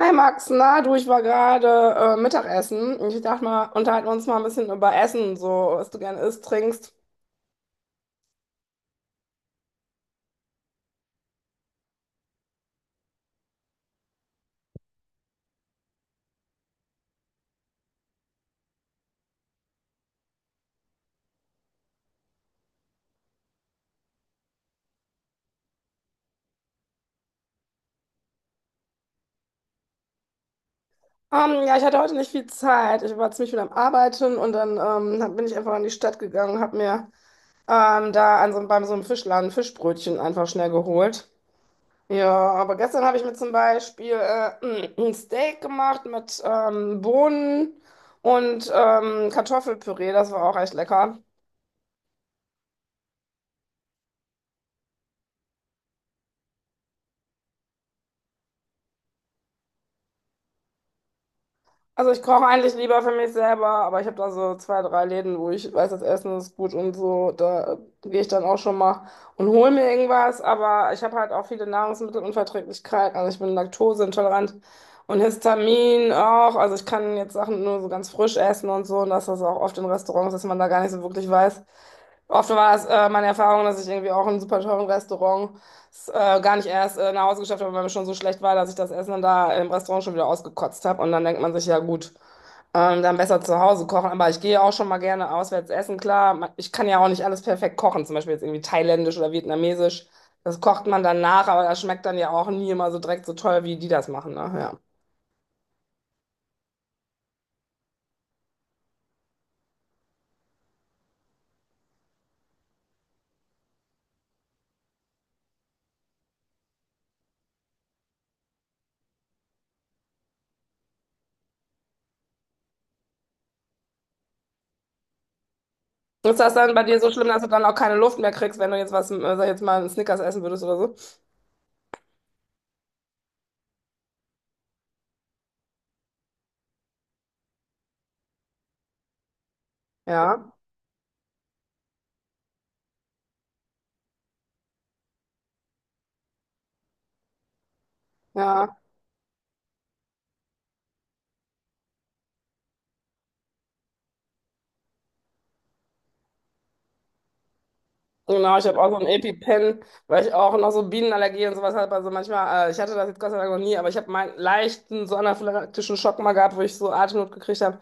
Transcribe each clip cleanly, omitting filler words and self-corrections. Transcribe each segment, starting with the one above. Hi Max, na du, ich war gerade Mittagessen. Ich dachte mal, unterhalten wir uns mal ein bisschen über Essen, so was du gerne isst, trinkst. Ja, ich hatte heute nicht viel Zeit. Ich war ziemlich viel am Arbeiten und dann bin ich einfach in die Stadt gegangen, habe mir da an beim so einem Fischladen Fischbrötchen einfach schnell geholt. Ja, aber gestern habe ich mir zum Beispiel ein Steak gemacht mit Bohnen und Kartoffelpüree. Das war auch echt lecker. Also ich koche eigentlich lieber für mich selber, aber ich habe da so zwei, drei Läden, wo ich weiß, das Essen ist gut und so. Da gehe ich dann auch schon mal und hole mir irgendwas. Aber ich habe halt auch viele Nahrungsmittelunverträglichkeiten. Also ich bin laktoseintolerant und Histamin auch. Also ich kann jetzt Sachen nur so ganz frisch essen und so. Und das ist auch oft in Restaurants, dass man da gar nicht so wirklich weiß. Oft war es meine Erfahrung, dass ich irgendwie auch in einem super teuren Restaurant gar nicht erst nach Hause geschafft habe, weil mir schon so schlecht war, dass ich das Essen dann da im Restaurant schon wieder ausgekotzt habe. Und dann denkt man sich, ja gut, dann besser zu Hause kochen. Aber ich gehe auch schon mal gerne auswärts essen, klar. Ich kann ja auch nicht alles perfekt kochen, zum Beispiel jetzt irgendwie thailändisch oder vietnamesisch. Das kocht man dann nach, aber das schmeckt dann ja auch nie immer so direkt so toll, wie die das machen. Ne? Ja. Ist das dann bei dir so schlimm, dass du dann auch keine Luft mehr kriegst, wenn du jetzt was, sag ich jetzt mal, einen Snickers essen würdest oder so? Ja, ja. Genau, ich habe auch so ein EpiPen, weil ich auch noch so Bienenallergie und sowas habe. Also manchmal, ich hatte das jetzt Gott sei Dank noch nie, aber ich habe meinen leichten so anaphylaktischen Schock mal gehabt, wo ich so Atemnot gekriegt habe.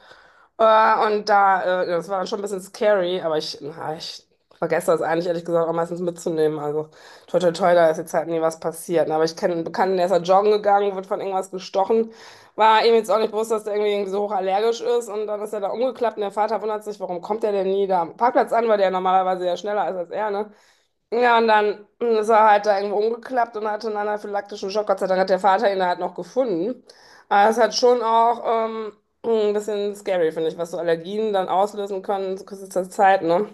Und da das war dann schon ein bisschen scary, aber ich, na, ich vergesse das eigentlich, ehrlich gesagt, auch meistens mitzunehmen. Also toi toi toi, da ist jetzt halt nie was passiert. Ne? Aber ich kenne einen Bekannten, der ist halt joggen gegangen, wird von irgendwas gestochen. War ihm jetzt auch nicht bewusst, dass der irgendwie so hochallergisch ist und dann ist er da umgeklappt und der Vater wundert sich, warum kommt der denn nie da am Parkplatz an, weil der normalerweise ja schneller ist als er, ne? Ja, und dann ist er halt da irgendwo umgeklappt und hatte einen anaphylaktischen Schock. Gott sei Dank hat der Vater ihn halt noch gefunden. Aber es hat schon auch ein bisschen scary, finde ich, was so Allergien dann auslösen können zu kurzer Zeit, ne?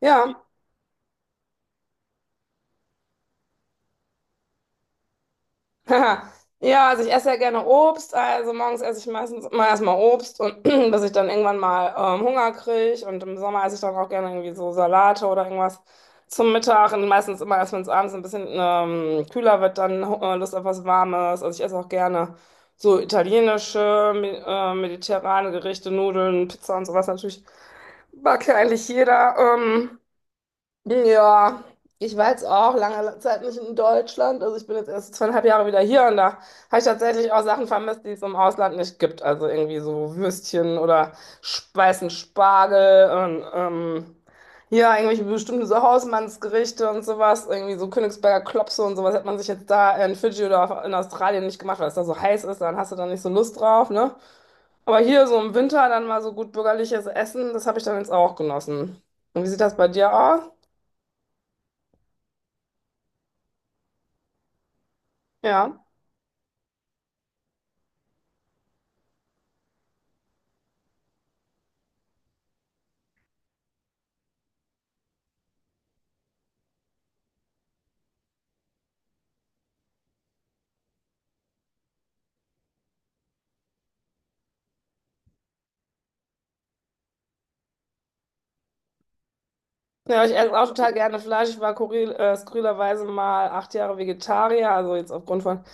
Ja, Haha. Ja, also ich esse ja gerne Obst, also morgens esse ich meistens immer erstmal Obst und bis ich dann irgendwann mal Hunger kriege und im Sommer esse ich dann auch gerne irgendwie so Salate oder irgendwas zum Mittag und meistens immer erst, wenn es abends ein bisschen kühler wird, dann Lust auf was Warmes. Also ich esse auch gerne so mediterrane Gerichte, Nudeln, Pizza und sowas natürlich. Mag ja eigentlich jeder. Ja, ich war jetzt auch lange Zeit nicht in Deutschland. Also ich bin jetzt erst 2,5 Jahre wieder hier und da habe ich tatsächlich auch Sachen vermisst, die es im Ausland nicht gibt. Also irgendwie so Würstchen oder weißen Spargel und ja, irgendwelche bestimmten so Hausmannsgerichte und sowas. Irgendwie so Königsberger Klopse und sowas hat man sich jetzt da in Fidschi oder in Australien nicht gemacht, weil es da so heiß ist, dann hast du da nicht so Lust drauf, ne? Aber hier so im Winter dann mal so gut bürgerliches Essen, das habe ich dann jetzt auch genossen. Und wie sieht das bei dir aus? Ja. Ja, ich esse auch total gerne Fleisch. Ich war skurrilerweise mal 8 Jahre Vegetarier, also jetzt aufgrund von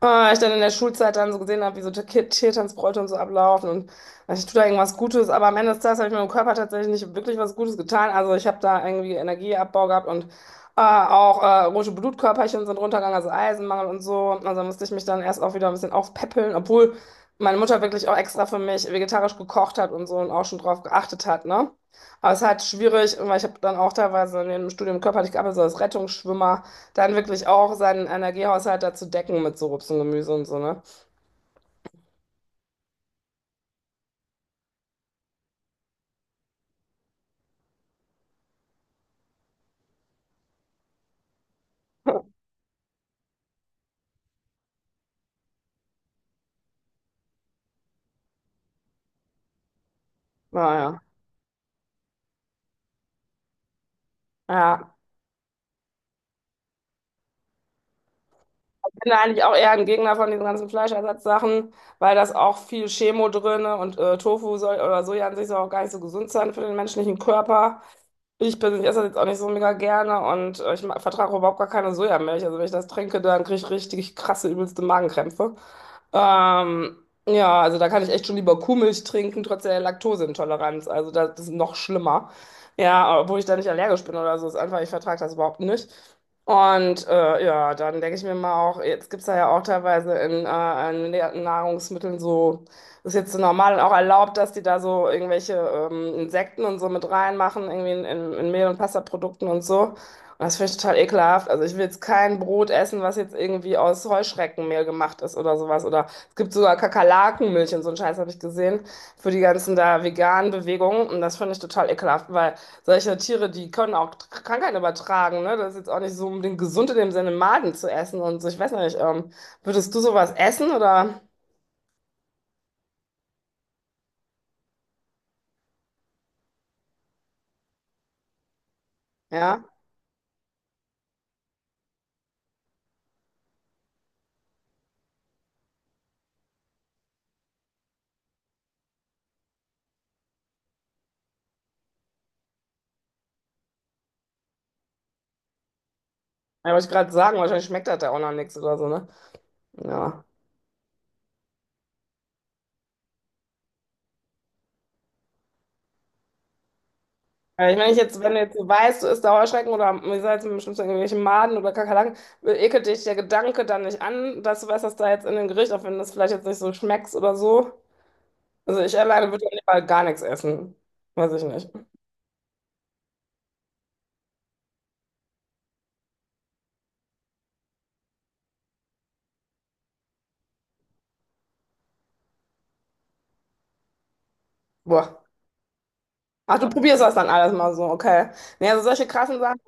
Ich dann in der Schulzeit dann so gesehen habe, wie so Tiertanzbräute und so ablaufen und ich tue da irgendwas Gutes, aber am Ende des Tages habe ich meinem Körper tatsächlich nicht wirklich was Gutes getan. Also ich habe da irgendwie Energieabbau gehabt und auch rote Blutkörperchen sind runtergegangen, also Eisenmangel und so. Also musste ich mich dann erst auch wieder ein bisschen aufpäppeln, obwohl meine Mutter wirklich auch extra für mich vegetarisch gekocht hat und so und auch schon drauf geachtet hat, ne? Aber es ist halt schwierig, weil ich habe dann auch teilweise in dem Studium körperlich gearbeitet, so als Rettungsschwimmer. Dann wirklich auch seinen Energiehaushalt dazu decken mit so Obst und Gemüse und so, ne? Naja. Ja. Ich bin da eigentlich auch eher ein Gegner von diesen ganzen Fleischersatzsachen, weil das auch viel Chemo drin und Tofu soll, oder Soja an sich soll auch gar nicht so gesund sein für den menschlichen Körper. Ich persönlich esse das jetzt auch nicht so mega gerne und ich vertrage überhaupt gar keine Sojamilch. Also wenn ich das trinke, dann kriege ich richtig krasse, übelste Magenkrämpfe. Ähm, ja, also da kann ich echt schon lieber Kuhmilch trinken, trotz der Laktoseintoleranz. Also das ist noch schlimmer. Ja, obwohl ich da nicht allergisch bin oder so. Ist einfach, ich vertrage das überhaupt nicht. Und ja, dann denke ich mir mal auch, jetzt gibt es da ja auch teilweise in Nahrungsmitteln so, ist jetzt so normal und auch erlaubt, dass die da so irgendwelche Insekten und so mit reinmachen, irgendwie in Mehl- und Pastaprodukten und so. Das finde ich total ekelhaft. Also ich will jetzt kein Brot essen, was jetzt irgendwie aus Heuschreckenmehl gemacht ist oder sowas. Oder es gibt sogar Kakerlakenmilch und so einen Scheiß habe ich gesehen für die ganzen da veganen Bewegungen. Und das finde ich total ekelhaft, weil solche Tiere, die können auch Krankheiten übertragen. Ne? Das ist jetzt auch nicht so unbedingt gesund in dem Sinne, Maden zu essen und so. Ich weiß nicht, würdest du sowas essen oder? Ja, ja, wollte ich gerade sagen, wahrscheinlich schmeckt das da auch noch nichts oder so, ne? Ja. Ja, ich meine, ich jetzt, wenn du jetzt weißt, du isst da Heuschrecken oder wie gesagt, im schlimmsten Fall irgendwelche Maden oder Kakerlaken, ekelt dich der Gedanke dann nicht an, dass du weißt, dass da jetzt in dem Gericht, auch wenn das vielleicht jetzt nicht so schmeckt oder so. Also ich alleine würde ja lieber gar nichts essen. Weiß ich nicht. Boah. Ach, du probierst das dann alles mal so, okay. Nee, also solche krassen Sachen,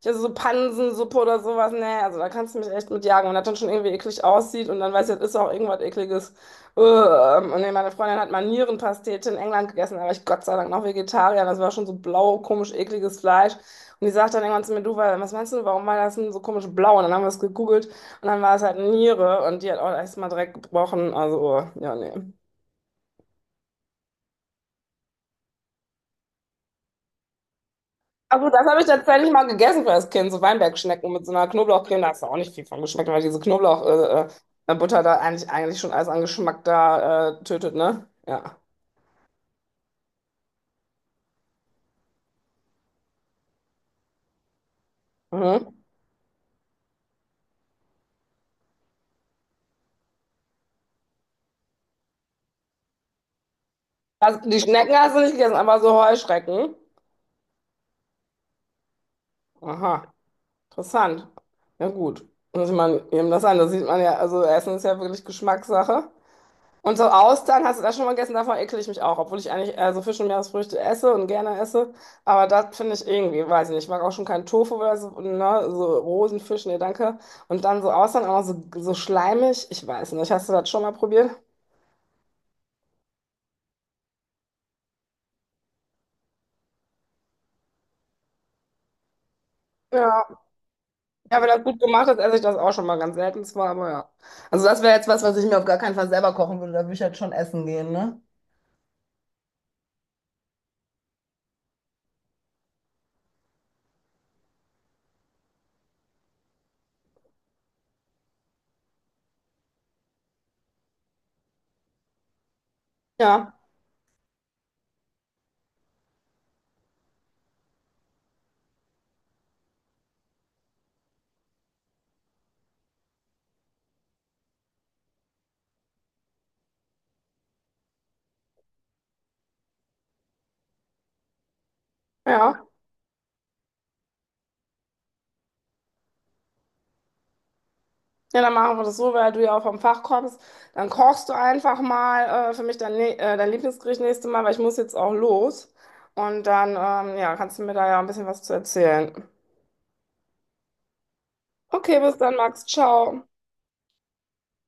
ich also so Pansensuppe oder sowas, nee, also da kannst du mich echt mit jagen. Und das dann schon irgendwie eklig aussieht und dann weiß ich, das ist auch irgendwas Ekliges. Und nee, meine Freundin hat mal Nierenpastete in England gegessen, da war ich Gott sei Dank noch Vegetarier. Das war schon so blau, komisch, ekliges Fleisch. Und die sagt dann irgendwann zu mir, du, was meinst du, warum war das denn so komisch blau? Und dann haben wir es gegoogelt und dann war es halt Niere und die hat auch erst mal direkt gebrochen. Also, oh, ja, nee. Also das habe ich tatsächlich mal gegessen für das Kind, so Weinbergschnecken mit so einer Knoblauchcreme. Da hast du auch nicht viel von geschmeckt, weil diese Butter da eigentlich schon alles an Geschmack da tötet, ne? Ja. Mhm. Also die Schnecken hast du nicht gegessen, aber so Heuschrecken. Aha, interessant. Ja gut. Muss ich mal eben das an. Das sieht man ja, also Essen ist ja wirklich Geschmackssache. Und so Austern, hast du das schon mal gegessen? Davon ekle ich mich auch, obwohl ich eigentlich so Fisch und Meeresfrüchte esse und gerne esse. Aber das finde ich irgendwie, weiß ich nicht, ich mag auch schon keinen Tofu oder so, ne? So Rosenfisch, nee, danke. Und dann so Austern, auch noch so, so schleimig, ich weiß nicht. Hast du das schon mal probiert? Ja, ja, wenn das gut gemacht ist, esse ich das auch schon mal ganz selten zwar, aber ja. Also das wäre jetzt was, was ich mir auf gar keinen Fall selber kochen würde, da würde ich halt schon essen gehen, ne? Ja, ja. Ja, dann machen wir das so, weil du ja auch vom Fach kommst. Dann kochst du einfach mal für mich dein Lieblingsgericht nächstes Mal, weil ich muss jetzt auch los. Und dann, ja, kannst du mir da ja ein bisschen was zu erzählen. Okay, bis dann, Max. Ciao.